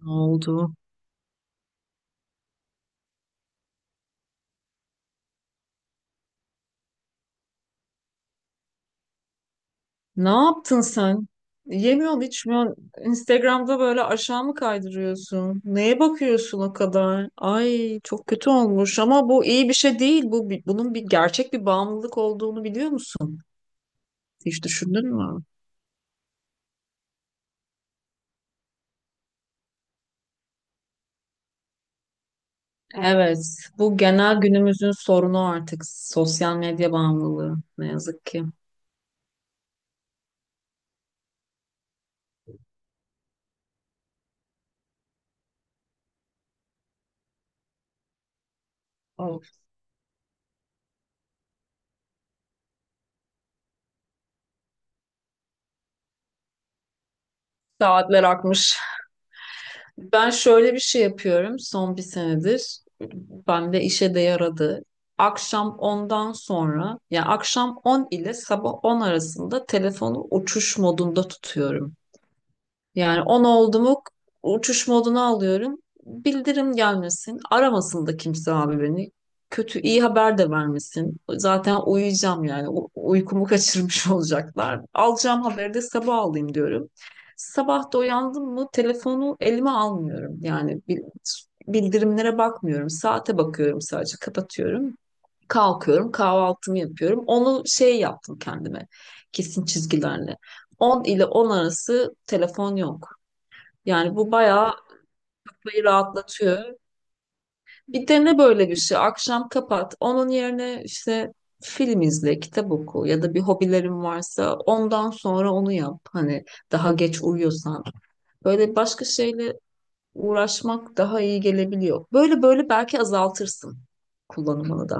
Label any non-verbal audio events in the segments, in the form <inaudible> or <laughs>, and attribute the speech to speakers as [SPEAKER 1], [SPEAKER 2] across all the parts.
[SPEAKER 1] Ne oldu? Ne yaptın sen? Yemiyorsun, içmiyorsun. Instagram'da böyle aşağı mı kaydırıyorsun? Neye bakıyorsun o kadar? Ay çok kötü olmuş ama bu iyi bir şey değil. Bunun bir gerçek bir bağımlılık olduğunu biliyor musun? Hiç düşündün mü? Evet, bu genel günümüzün sorunu artık sosyal medya bağımlılığı ne yazık ki. Of, saatler akmış. Ben şöyle bir şey yapıyorum son bir senedir. Bende işe de yaradı. Akşam ondan sonra, yani akşam 10 ile sabah 10 arasında telefonu uçuş modunda tutuyorum. Yani 10 oldu mu uçuş moduna alıyorum. Bildirim gelmesin. Aramasın da kimse abi beni. Kötü iyi haber de vermesin. Zaten uyuyacağım yani. Uykumu kaçırmış <laughs> olacaklar. Alacağım haberi de sabah alayım diyorum. Sabah da uyandım mı telefonu elime almıyorum. Yani bildirimlere bakmıyorum. Saate bakıyorum sadece kapatıyorum. Kalkıyorum kahvaltımı yapıyorum. Onu şey yaptım kendime kesin çizgilerle. 10 ile 10 arası telefon yok. Yani bu bayağı kafayı rahatlatıyor. Bir dene böyle bir şey. Akşam kapat. Onun yerine işte film izle, kitap oku ya da bir hobilerin varsa ondan sonra onu yap. Hani daha geç uyuyorsan. Böyle başka şeyle uğraşmak daha iyi gelebiliyor. Böyle böyle belki azaltırsın kullanımını da.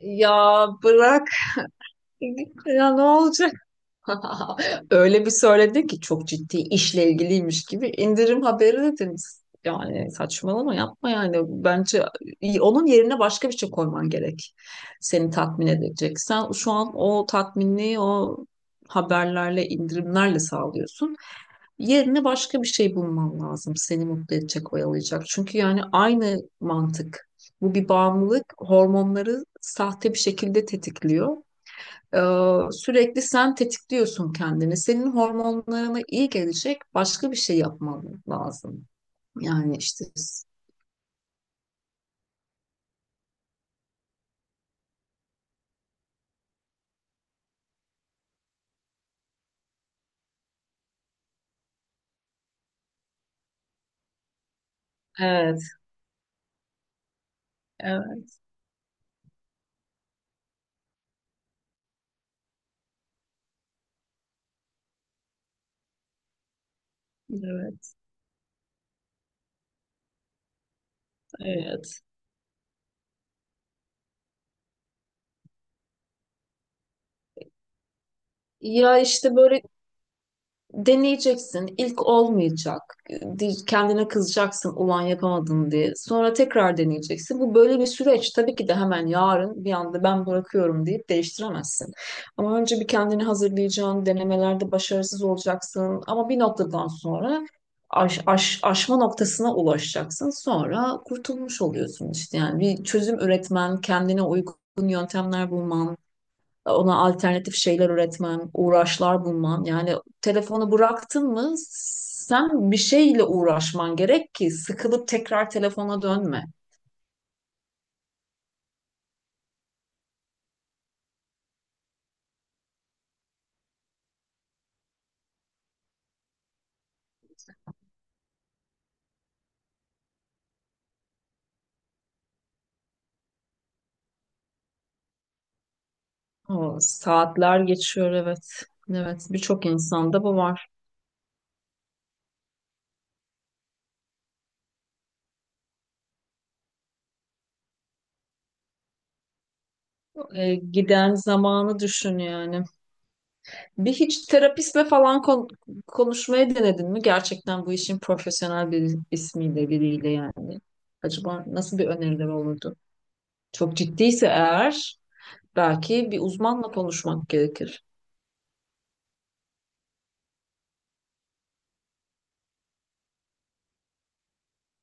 [SPEAKER 1] Ya bırak. <laughs> Ya ne olacak? <laughs> Öyle bir söyledi ki çok ciddi işle ilgiliymiş gibi indirim haberi dediniz. Yani saçmalama yapma yani. Bence onun yerine başka bir şey koyman gerek. Seni tatmin edecek. Sen şu an o tatminliği o haberlerle, indirimlerle sağlıyorsun. Yerine başka bir şey bulman lazım. Seni mutlu edecek, oyalayacak. Çünkü yani aynı mantık. Bu bir bağımlılık. Hormonları sahte bir şekilde tetikliyor. Ee, Sürekli sen tetikliyorsun kendini. Senin hormonlarına iyi gelecek başka bir şey yapman lazım. Yani işte evet, evet, evet, evet. Ya işte böyle deneyeceksin. İlk olmayacak. Kendine kızacaksın ulan yapamadın diye. Sonra tekrar deneyeceksin. Bu böyle bir süreç. Tabii ki de hemen yarın bir anda ben bırakıyorum deyip değiştiremezsin. Ama önce bir kendini hazırlayacaksın. Denemelerde başarısız olacaksın. Ama bir noktadan sonra aşma noktasına ulaşacaksın. Sonra kurtulmuş oluyorsun işte. Yani bir çözüm üretmen, kendine uygun yöntemler bulman, ona alternatif şeyler üretmen, uğraşlar bulman. Yani telefonu bıraktın mı sen bir şeyle uğraşman gerek ki sıkılıp tekrar telefona dönme. O saatler geçiyor, evet. Evet, birçok insanda bu var. E, giden zamanı düşün yani. Bir hiç terapistle falan konuşmayı denedin mi? Gerçekten bu işin profesyonel bir ismiyle biriyle yani. Acaba nasıl bir öneriler olurdu? Çok ciddiyse eğer belki bir uzmanla konuşmak gerekir.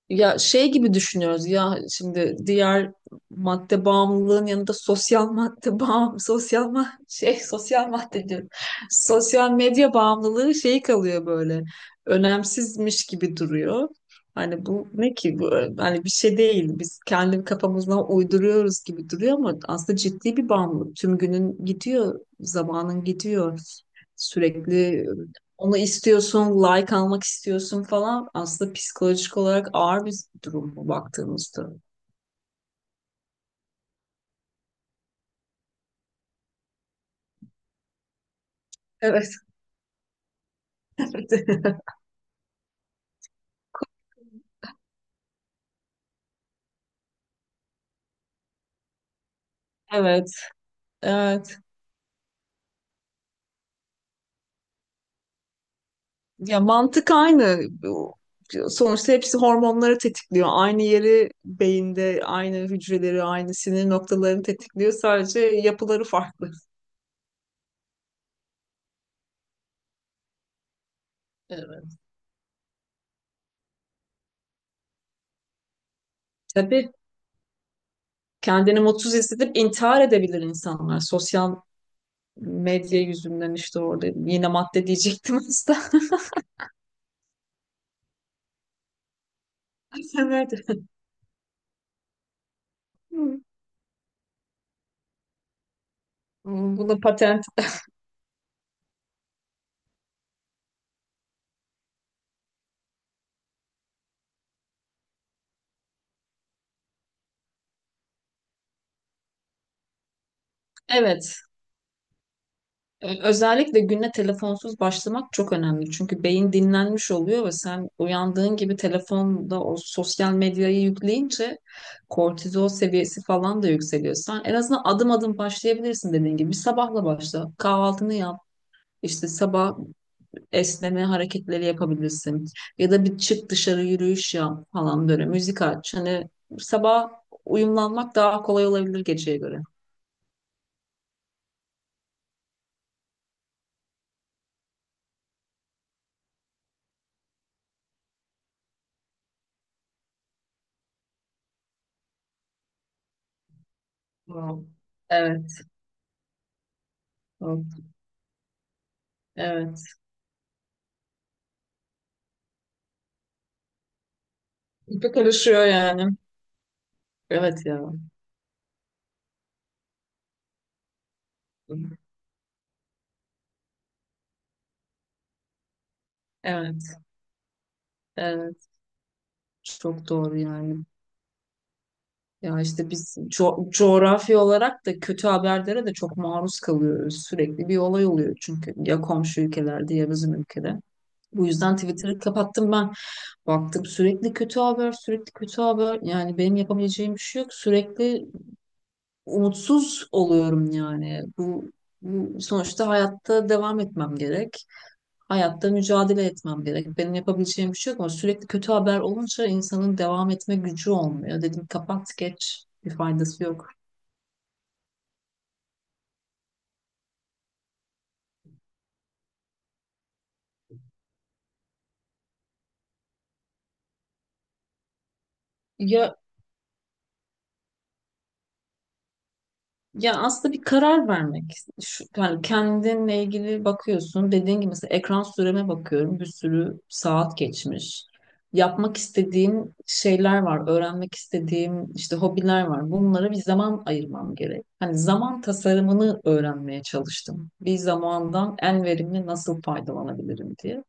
[SPEAKER 1] Ya şey gibi düşünüyoruz ya şimdi diğer madde bağımlılığın yanında sosyal madde bağım sosyal ma şey <laughs> sosyal madde diyorum. Sosyal medya bağımlılığı şey kalıyor böyle önemsizmiş gibi duruyor. Hani bu ne ki bu, hani bir şey değil biz kendi kafamızdan uyduruyoruz gibi duruyor ama aslında ciddi bir bağımlılık. Tüm günün gidiyor, zamanın gidiyor, sürekli onu istiyorsun, like almak istiyorsun falan. Aslında psikolojik olarak ağır bir durum bu baktığımızda. Evet. <laughs> Evet, evet. Ya mantık aynı. Sonuçta hepsi hormonları tetikliyor. Aynı yeri beyinde, aynı hücreleri, aynı sinir noktalarını tetikliyor. Sadece yapıları farklı. Evet. Tabii kendini mutsuz hissedip intihar edebilir insanlar. Sosyal medya yüzünden işte orada yine madde diyecektim aslında. <laughs> Evet. Bunu patent evet, özellikle güne telefonsuz başlamak çok önemli. Çünkü beyin dinlenmiş oluyor ve sen uyandığın gibi telefonda o sosyal medyayı yükleyince kortizol seviyesi falan da yükseliyor. Sen en azından adım adım başlayabilirsin dediğin gibi. Bir sabahla başla, kahvaltını yap. İşte sabah esneme hareketleri yapabilirsin. Ya da bir çık dışarı yürüyüş yap falan böyle. Müzik aç. Hani sabah uyumlanmak daha kolay olabilir geceye göre. Wow. Evet. Evet. Evet. İpi karışıyor yani. Evet ya. Evet, evet. Çok doğru yani. Ya işte biz coğrafi olarak da kötü haberlere de çok maruz kalıyoruz. Sürekli bir olay oluyor çünkü ya komşu ülkelerde ya bizim ülkede. Bu yüzden Twitter'ı kapattım ben. Baktım sürekli kötü haber, sürekli kötü haber. Yani benim yapabileceğim bir şey yok. Sürekli umutsuz oluyorum yani. Bu sonuçta hayatta devam etmem gerek. Hayatta mücadele etmem gerek. Benim yapabileceğim bir şey yok ama sürekli kötü haber olunca insanın devam etme gücü olmuyor. Dedim kapat geç bir faydası yok. Ya, ya aslında bir karar vermek. Şu, yani kendinle ilgili bakıyorsun. Dediğin gibi mesela ekran süreme bakıyorum. Bir sürü saat geçmiş. Yapmak istediğim şeyler var. Öğrenmek istediğim işte hobiler var. Bunlara bir zaman ayırmam gerek. Hani zaman tasarımını öğrenmeye çalıştım. Bir zamandan en verimli nasıl faydalanabilirim diye.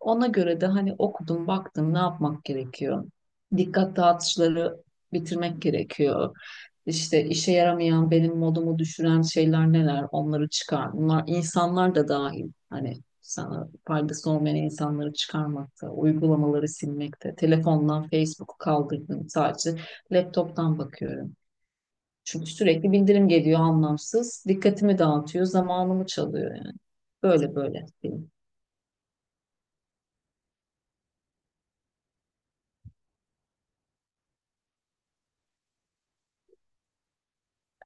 [SPEAKER 1] Ona göre de hani okudum, baktım ne yapmak gerekiyor. Dikkat dağıtıcıları bitirmek gerekiyor, işte işe yaramayan, benim modumu düşüren şeyler neler? Onları çıkar. Bunlar insanlar da dahil. Hani sana faydası olmayan insanları çıkarmakta, uygulamaları silmekte, telefondan Facebook'u kaldırdım. Sadece laptop'tan bakıyorum. Çünkü sürekli bildirim geliyor anlamsız. Dikkatimi dağıtıyor, zamanımı çalıyor yani. Böyle böyle. Benim.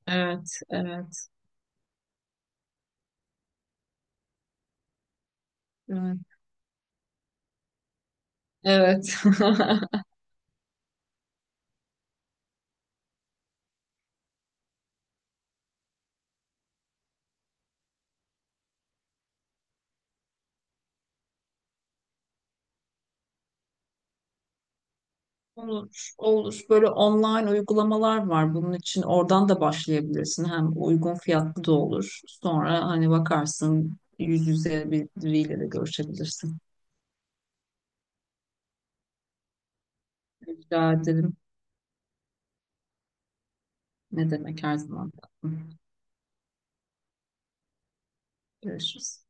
[SPEAKER 1] Evet, evet, evet. Evet. <laughs> Olur, olur. Böyle online uygulamalar var bunun için. Oradan da başlayabilirsin. Hem uygun fiyatlı da olur. Sonra hani bakarsın yüz yüze biriyle de görüşebilirsin. Rica ederim. Ne demek her zaman. Görüşürüz.